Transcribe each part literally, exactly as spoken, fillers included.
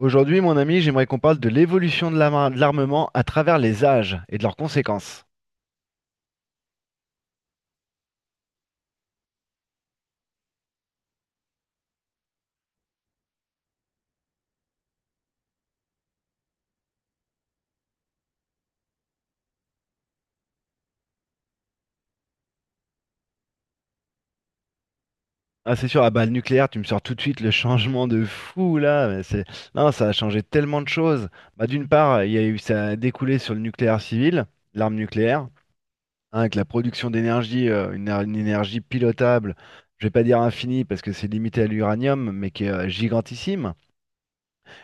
Aujourd'hui, mon ami, j'aimerais qu'on parle de l'évolution de l'ama- de l'armement à travers les âges et de leurs conséquences. Ah, c'est sûr, ah bah, le nucléaire, tu me sors tout de suite le changement de fou là. Mais c'est... Non, ça a changé tellement de choses. Bah, d'une part, il y a eu ça a découlé sur le nucléaire civil, l'arme nucléaire, hein, avec la production d'énergie, euh, une, éner- une énergie pilotable. Je vais pas dire infinie parce que c'est limité à l'uranium, mais qui est euh, gigantissime.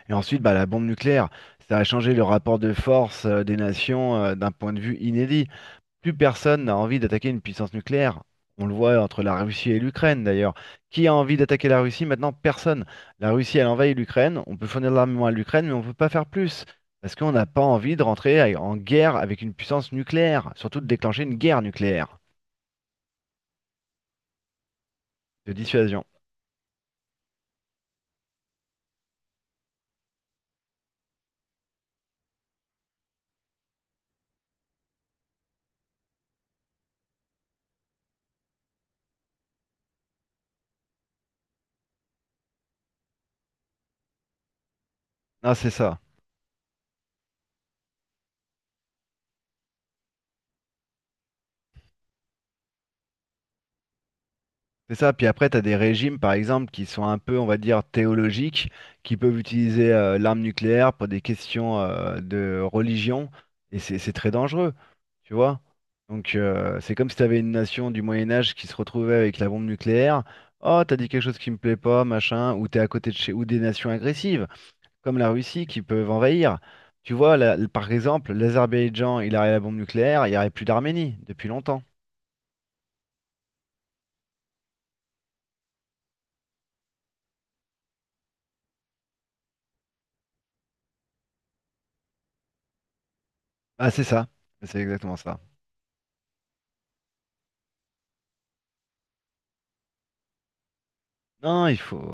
Et ensuite, bah, la bombe nucléaire, ça a changé le rapport de force euh, des nations euh, d'un point de vue inédit. Plus personne n'a envie d'attaquer une puissance nucléaire. On le voit entre la Russie et l'Ukraine d'ailleurs. Qui a envie d'attaquer la Russie? Maintenant, personne. La Russie, elle envahit l'Ukraine. On peut fournir de l'armement à l'Ukraine, mais on ne peut pas faire plus. Parce qu'on n'a pas envie de rentrer en guerre avec une puissance nucléaire. Surtout de déclencher une guerre nucléaire de dissuasion. Ah, c'est ça. C'est ça, puis après, tu as des régimes, par exemple, qui sont un peu, on va dire, théologiques, qui peuvent utiliser euh, l'arme nucléaire pour des questions euh, de religion, et c'est c'est très dangereux, tu vois. Donc, euh, c'est comme si tu avais une nation du Moyen Âge qui se retrouvait avec la bombe nucléaire. Oh, t'as dit quelque chose qui me plaît pas, machin, ou t'es à côté de chez, ou des nations agressives, comme la Russie, qui peuvent envahir. Tu vois, là, par exemple, l'Azerbaïdjan, il aurait la bombe nucléaire, il n'y aurait plus d'Arménie depuis longtemps. Ah, c'est ça, c'est exactement ça. Non, il faut.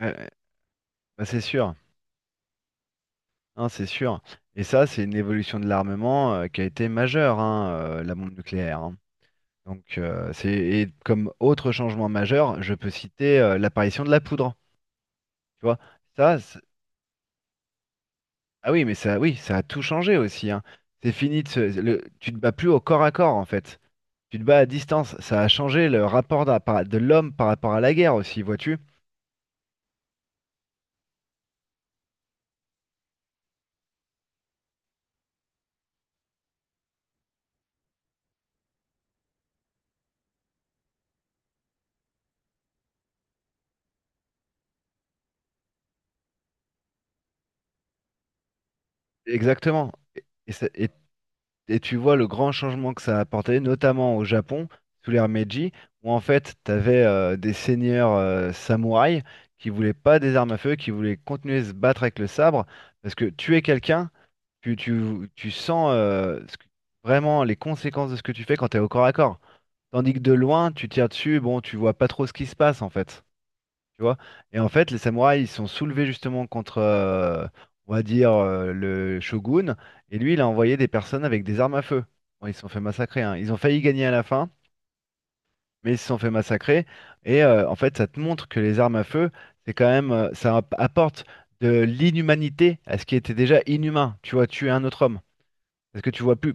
Ouais, ouais. Bah, c'est sûr, hein, c'est sûr. Et ça, c'est une évolution de l'armement euh, qui a été majeure, hein, euh, la bombe nucléaire, hein. Donc, euh, c'est et comme autre changement majeur, je peux citer euh, l'apparition de la poudre. Tu vois, ça, c'est- ah oui, mais ça, oui, ça a tout changé aussi, hein. C'est fini de se- le- tu te bats plus au corps à corps en fait. Tu te bats à distance. Ça a changé le rapport d'a- par- de l'homme par rapport à la guerre aussi, vois-tu? Exactement. Et, et ça- et et tu vois le grand changement que ça a apporté, notamment au Japon, sous l'ère Meiji, où en fait, tu avais des seigneurs euh, samouraïs qui voulaient pas des armes à feu, qui voulaient continuer de se battre avec le sabre, parce que tuer quelqu'un, tu, tu, tu sens euh, ce que- vraiment les conséquences de ce que tu fais quand tu es au corps à corps. Tandis que de loin, tu tires dessus, bon, tu vois pas trop ce qui se passe en fait, tu vois. Et en fait, les samouraïs, ils se sont soulevés justement contre, euh, on va dire, euh, le shogun. Et lui, il a envoyé des personnes avec des armes à feu. Bon, ils se sont fait massacrer, hein. Ils ont failli gagner à la fin, mais ils se sont fait massacrer. Et euh, en fait, ça te montre que les armes à feu, c'est quand même, euh, ça app- apporte de l'inhumanité à ce qui était déjà inhumain. Tu vois, tuer un autre homme. Parce que tu vois plus.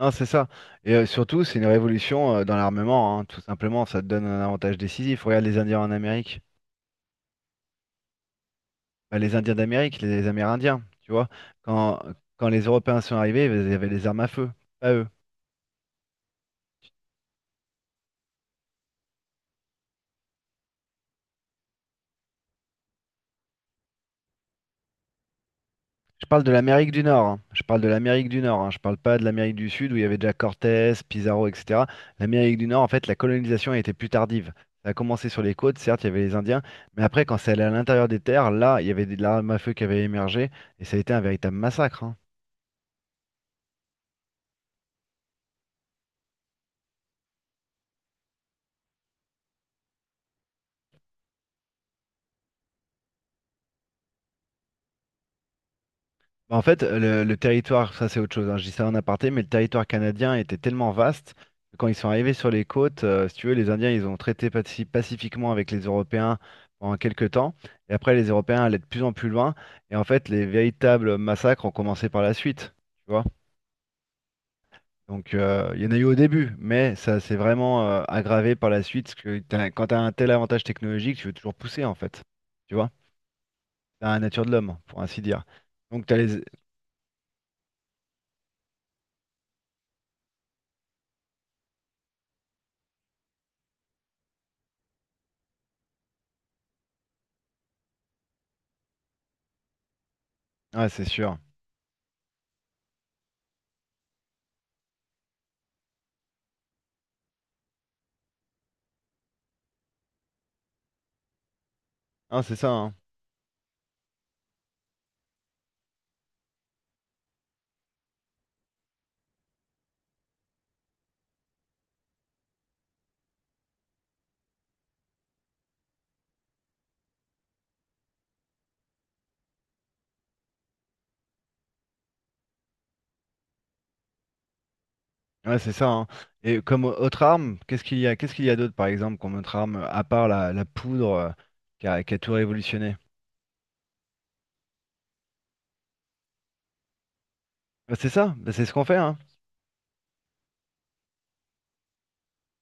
Non, c'est ça. Et euh, surtout, c'est une révolution euh, dans l'armement, hein, tout simplement. Ça te donne un avantage décisif. Regarde les Indiens en Amérique. Bah, les Indiens d'Amérique, les Amérindiens, tu vois. Quand, quand les Européens sont arrivés, ils avaient les armes à feu, pas eux. Je parle de l'Amérique du Nord, hein. Je parle de l'Amérique du Nord, hein. Je parle pas de l'Amérique du Sud où il y avait déjà Cortés, Pizarro, et cætera. L'Amérique du Nord, en fait, la colonisation a été plus tardive. Ça a commencé sur les côtes, certes, il y avait les Indiens, mais après, quand c'est allé à l'intérieur des terres, là, il y avait de l'arme à feu qui avait émergé et ça a été un véritable massacre, hein. Bah, en fait, le, le territoire, ça c'est autre chose, hein, je dis ça en aparté, mais le territoire canadien était tellement vaste que quand ils sont arrivés sur les côtes, euh, si tu veux, les Indiens, ils ont traité paci- pacifiquement avec les Européens pendant quelques temps, et après les Européens allaient de plus en plus loin, et en fait, les véritables massacres ont commencé par la suite, tu vois. Donc, euh, il y en a eu au début, mais ça s'est vraiment euh, aggravé par la suite, parce que t'as- quand tu as un tel avantage technologique, tu veux toujours pousser, en fait, tu vois. C'est la nature de l'homme, pour ainsi dire. Donc, tu as les... Ah, c'est sûr. Ah, c'est ça, hein. Ouais, c'est ça, hein. Et comme au- autre arme, qu'est-ce qu'il y a, qu'est-ce qu'il y a d'autre, par exemple, comme autre arme, à part la, la poudre euh, qui a, qui a tout révolutionné? Bah, c'est ça, bah, c'est ce qu'on fait, hein.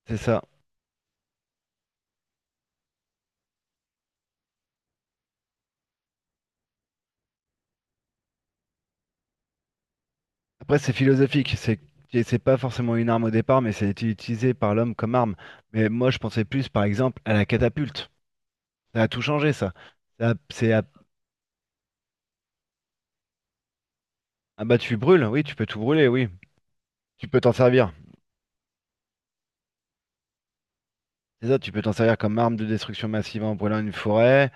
C'est ça. Après, c'est philosophique, c'est et c'est pas forcément une arme au départ, mais c'est a été utilisé par l'homme comme arme. Mais moi, je pensais plus, par exemple, à la catapulte. Ça a tout changé, ça. Ça, c'est à- ah bah tu brûles, oui, tu peux tout brûler, oui. Tu peux t'en servir. C'est ça, tu peux t'en servir comme arme de destruction massive en brûlant une forêt.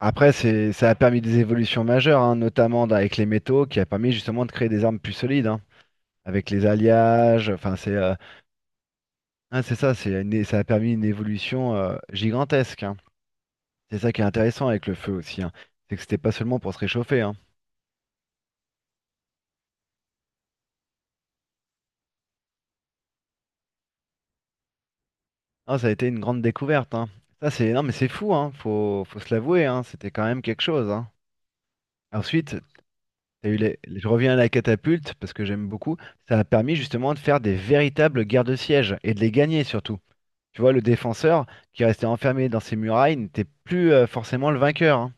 Après, c'est, ça a permis des évolutions majeures, hein, notamment avec les métaux, qui a permis justement de créer des armes plus solides, hein, avec les alliages. Enfin, c'est euh, hein, c'est ça, c'est une- ça a permis une évolution euh, gigantesque, hein. C'est ça qui est intéressant avec le feu aussi, hein. C'est que c'était pas seulement pour se réchauffer, hein. Non, ça a été une grande découverte, hein. Ça, c'est, non, mais c'est fou, hein, faut, faut se l'avouer, hein, c'était quand même quelque chose, hein. Ensuite, t'as eu les- je reviens à la catapulte, parce que j'aime beaucoup. Ça a permis justement de faire des véritables guerres de siège et de les gagner surtout. Tu vois, le défenseur qui restait enfermé dans ses murailles n'était plus euh, forcément le vainqueur. Hein,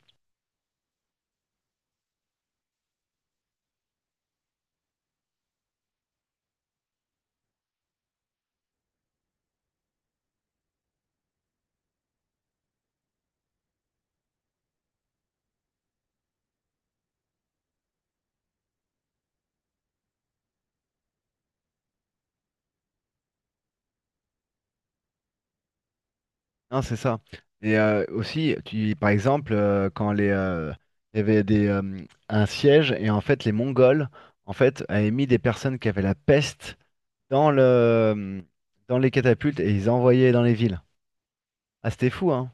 hein, c'est ça. Et euh, aussi, tu, par exemple, euh, quand les, euh, il y avait des, euh, un siège et en fait les Mongols en fait avaient mis des personnes qui avaient la peste dans le, dans les catapultes et ils envoyaient dans les villes. Ah, c'était fou, hein.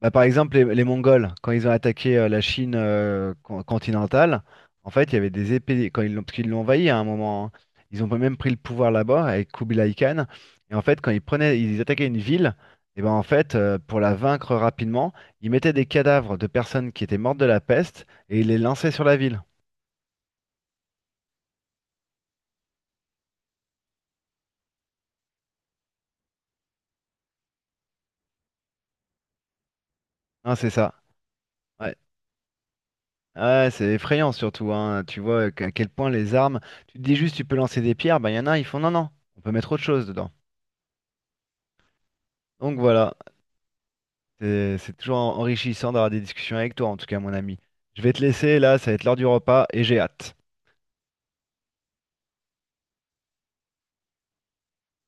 Bah, par exemple, les, les Mongols, quand ils ont attaqué euh, la Chine euh, con- continentale, en fait, il y avait des épées, quand ils l'ont, parce qu'ils l'ont envahi à un moment, hein. Ils ont même pris le pouvoir là-bas avec Kublai Khan. Et en fait, quand ils prenaient, ils attaquaient une ville, et ben en fait, euh, pour la vaincre rapidement, ils mettaient des cadavres de personnes qui étaient mortes de la peste et ils les lançaient sur la ville. Hein, c'est ça. Ouais. Ouais, c'est effrayant surtout, hein. Tu vois qu- à quel point les armes, tu te dis juste tu peux lancer des pierres, ben il y en a, ils font non, non, on peut mettre autre chose dedans. Donc voilà. C'est c'est toujours en- enrichissant d'avoir des discussions avec toi, en tout cas, mon ami. Je vais te laisser là, ça va être l'heure du repas et j'ai hâte.